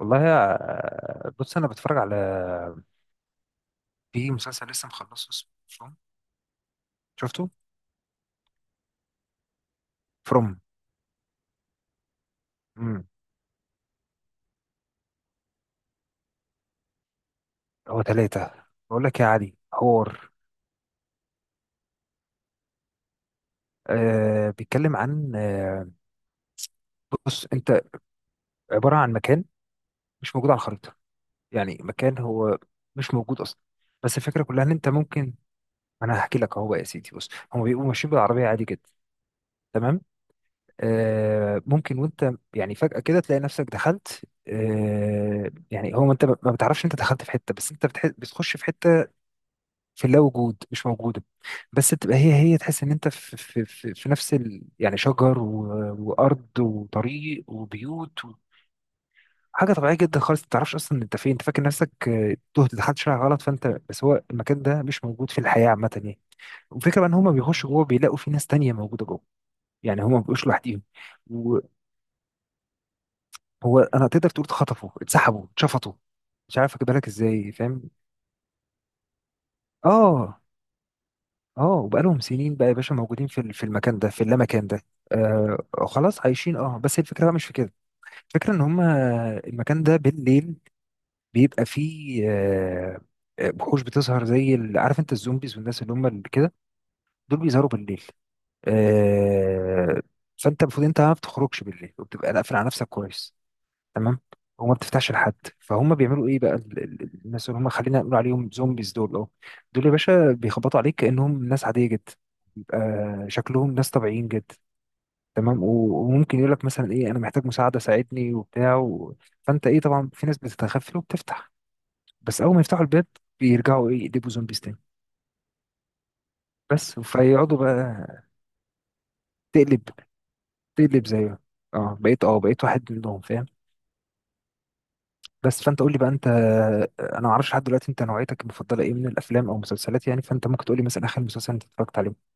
والله يا، بص انا بتفرج على، في مسلسل لسه مخلصه اسمه فروم. شفته؟ فروم. امم هو 3، بقول لك يا علي، حوار. آه، بيتكلم عن آه، بص انت، عبارة عن مكان مش موجود على الخريطة. يعني مكان هو مش موجود اصلا. بس الفكرة كلها ان انت ممكن، انا هحكي لك اهو بقى يا سيدي. بص، هم بيبقوا ماشيين بالعربية عادي جدا. تمام. آه، ممكن وانت يعني فجأة كده تلاقي نفسك دخلت. آه، يعني هو انت ما بتعرفش انت دخلت في حتة، بس انت بتخش في حتة. في اللا وجود، مش موجودة. بس بتبقى هي هي تحس ان انت في نفس ال يعني شجر وارض وطريق وبيوت و... حاجة طبيعية جدا خالص، ما تعرفش اصلا انت فين، انت فاكر نفسك آه، تهت دخلت شارع غلط، فانت بس هو المكان ده مش موجود في الحياة عامة يعني. والفكرة بقى ان هما بيخشوا جوه، بيلاقوا في ناس تانية موجودة جوه. يعني هما ما بيبقوش لوحديهم. هو انا تقدر تقول اتخطفوا، اتسحبوا، اتشفطوا. مش عارف اجيبها لك ازاي فاهم. اه. اه، وبقالهم سنين بقى يا باشا موجودين في في المكان ده، في اللامكان ده. آه. خلاص عايشين، اه، بس الفكره بقى مش في كده. الفكره ان هم المكان ده بالليل بيبقى فيه آه، آه، وحوش بتظهر زي عارف انت الزومبيز والناس اللي هم اللي كده، دول بيظهروا بالليل. آه. فانت المفروض انت ما بتخرجش بالليل وبتبقى قافل على نفسك كويس. تمام. وما بتفتحش لحد، فهم بيعملوا ايه بقى الناس اللي هم، خلينا نقول عليهم زومبيز دول، اه. دول يا باشا بيخبطوا عليك كانهم ناس عاديه جدا. بيبقى شكلهم ناس طبيعيين جدا. تمام. وممكن يقول لك مثلا ايه، انا محتاج مساعده، ساعدني وبتاع و... فانت ايه؟ طبعا في ناس بتتغفل وبتفتح. بس اول ما يفتحوا الباب، بيرجعوا ايه، يقلبوا زومبيز تاني. بس فيقعدوا بقى، تقلب، تقلب زيه. اه بقيت، اه بقيت واحد منهم فاهم. بس فانت قول لي بقى انت، انا ما اعرفش لحد دلوقتي انت نوعيتك المفضله ايه من الافلام او المسلسلات يعني. فانت ممكن تقول لي مثلا اخر مسلسل انت اتفرجت عليه.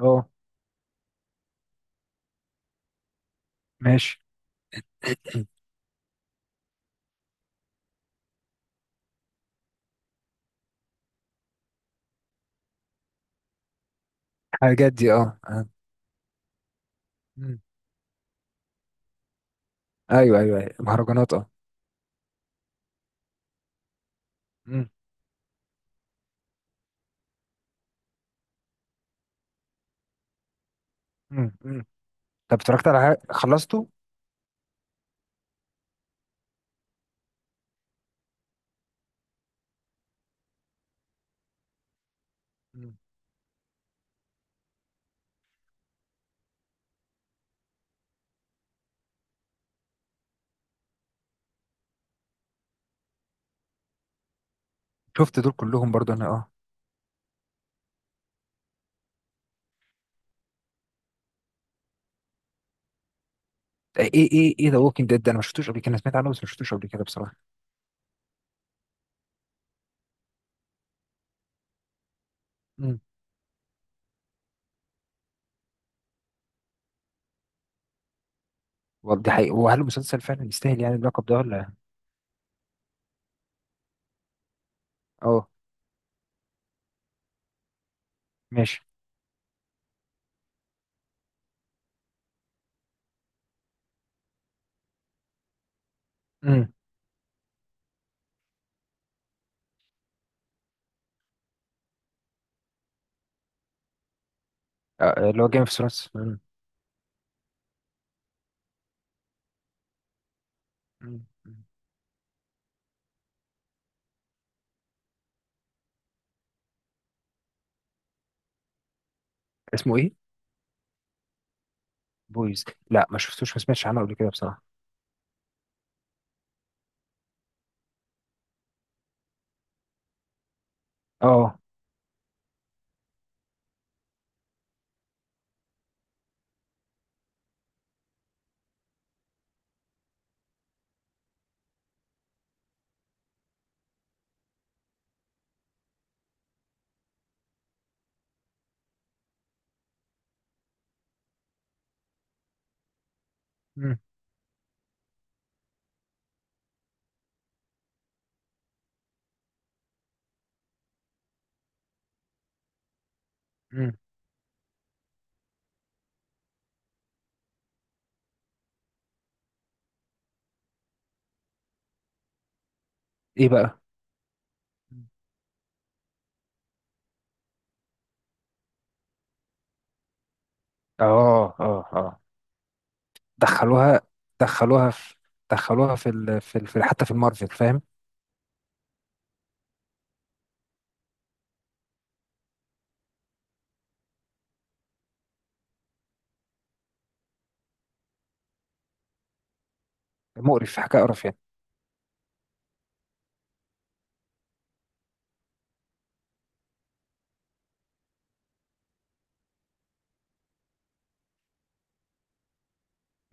اه ماشي. حاجات دي اه آه. مم. ايوه ايوه ايوه، مهرجانات اه. مم. مم. مم. طب اتفرجت على حاجه خلصته؟ مم. شفت دول كلهم برضو انا اه. ايه ايه ايه، ذا ووكينج ديد ده انا ما شفتوش قبل كده، انا سمعت عنه بس ما شفتوش قبل كده بصراحه. امم والله دي حقيقة، وهل المسلسل فعلا يستاهل يعني اللقب ده ولا؟ اه ماشي. امم اللي هو جيم اوف ثرونز. اسمه ايه؟ بويز. لا ما شفتوش، ما سمعتش عنه قبل كده بصراحة. اه. مم. مم. ايه بقى؟ مم. اه اه اه. دخلوها دخلوها في دخلوها في ال... في, ال... في حتى في المارفل فاهم. مقرف، حكاية قرف يعني.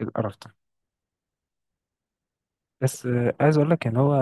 القرف ده. بس آه عايز اقول لك ان هو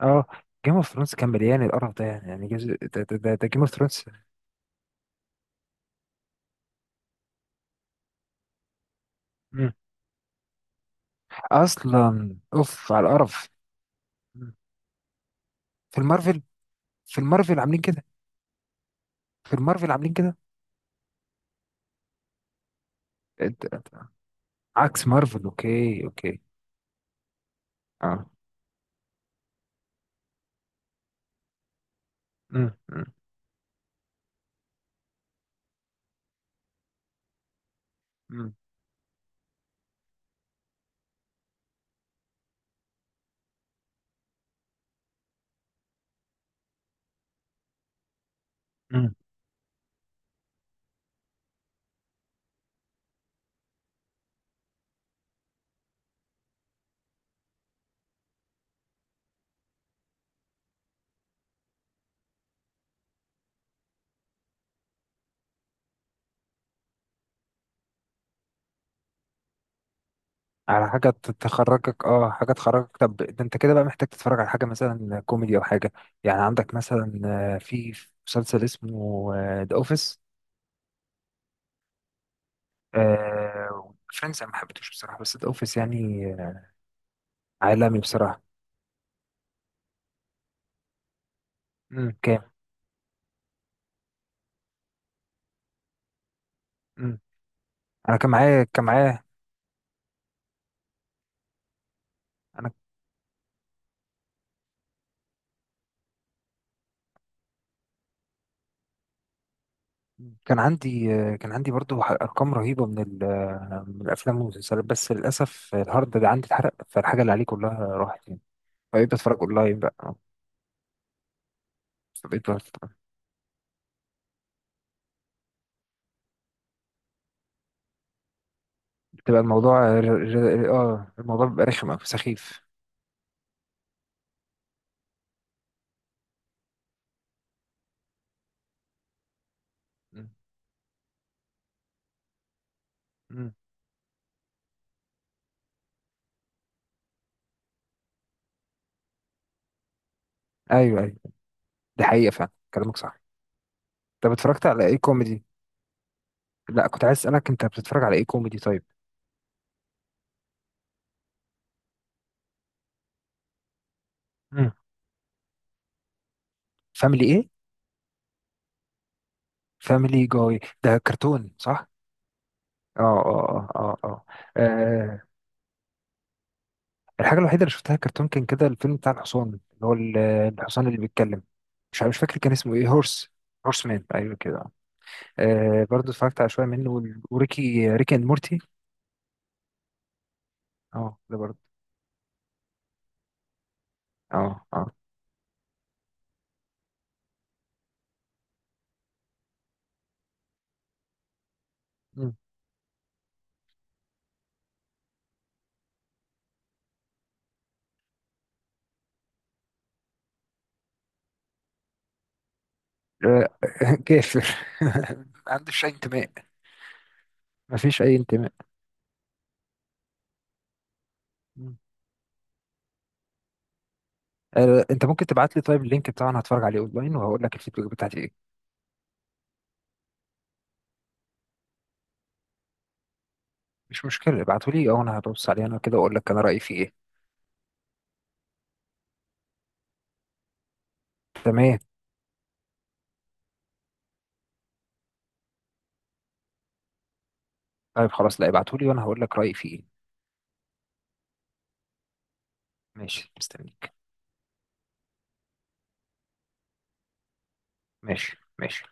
اه، جيم اوف ثرونز كان مليان القرف ده يعني. يعني جزء ده ده جيم اوف ثرونز. مم. اصلا اوف على القرف. مم. في المارفل، في المارفل عاملين كده في المارفل عاملين كده. إنت- إنت- عكس مارفل، اوكي اوكي. اه. مم. مم. مم. مم. على حاجة تخرجك، اه حاجة تخرجك. طب ده انت كده بقى محتاج تتفرج على حاجة مثلا كوميدي او حاجة. يعني عندك مثلا آه، في مسلسل اسمه ذا اوفيس. فريندز انا ما حبيتهوش بصراحة، بس ذا اوفيس يعني آه، عالمي بصراحة. مم. كام؟ مم. انا كان معايا انا. كان عندي آه، كان عندي برضو ارقام رهيبة من آه، من الافلام والمسلسلات، بس للاسف الهارد ده عندي اتحرق، فالحاجة اللي عليه كلها راحت يعني. فبقيت بتفرج اونلاين بقى. بقيت. بتبقى الموضوع اه الموضوع بيبقى رخم أوي، سخيف. م. م. ايوه ايوه، دي حقيقة فعلا كلامك صح. طب اتفرجت على ايه كوميدي؟ لا، كنت عايز اسألك انت بتتفرج على ايه كوميدي طيب. م. فاميلي ايه؟ فاميلي جاي ده كرتون صح؟ اه اه اه اه اه. آه، الحاجة الوحيدة اللي شفتها كرتون كان كده الفيلم بتاع الحصان، اللي هو الحصان اللي بيتكلم. مش فاكر كان اسمه ايه، هورس. هورس مان، ايوه كده. آه برضه اتفرجت على شوية منه وريكي، ريكي اند مورتي. اه ده برضه. اه اه. مم. آه، كافر. ما عندوش اي انتماء. ما فيش اي انتماء. مم. آه، انت ممكن تبعت لي طيب اللينك بتاعه، انا هتفرج عليه اونلاين وهقول لك الفيديو بتاعتي ايه. مش مشكله، ابعته لي او انا هبص عليه انا كده واقول لك انا رايي فيه ايه. تمام. طيب خلاص، لا ابعته لي وانا هقول لك رايي فيه ايه. ماشي مستنيك. ماشي ماشي.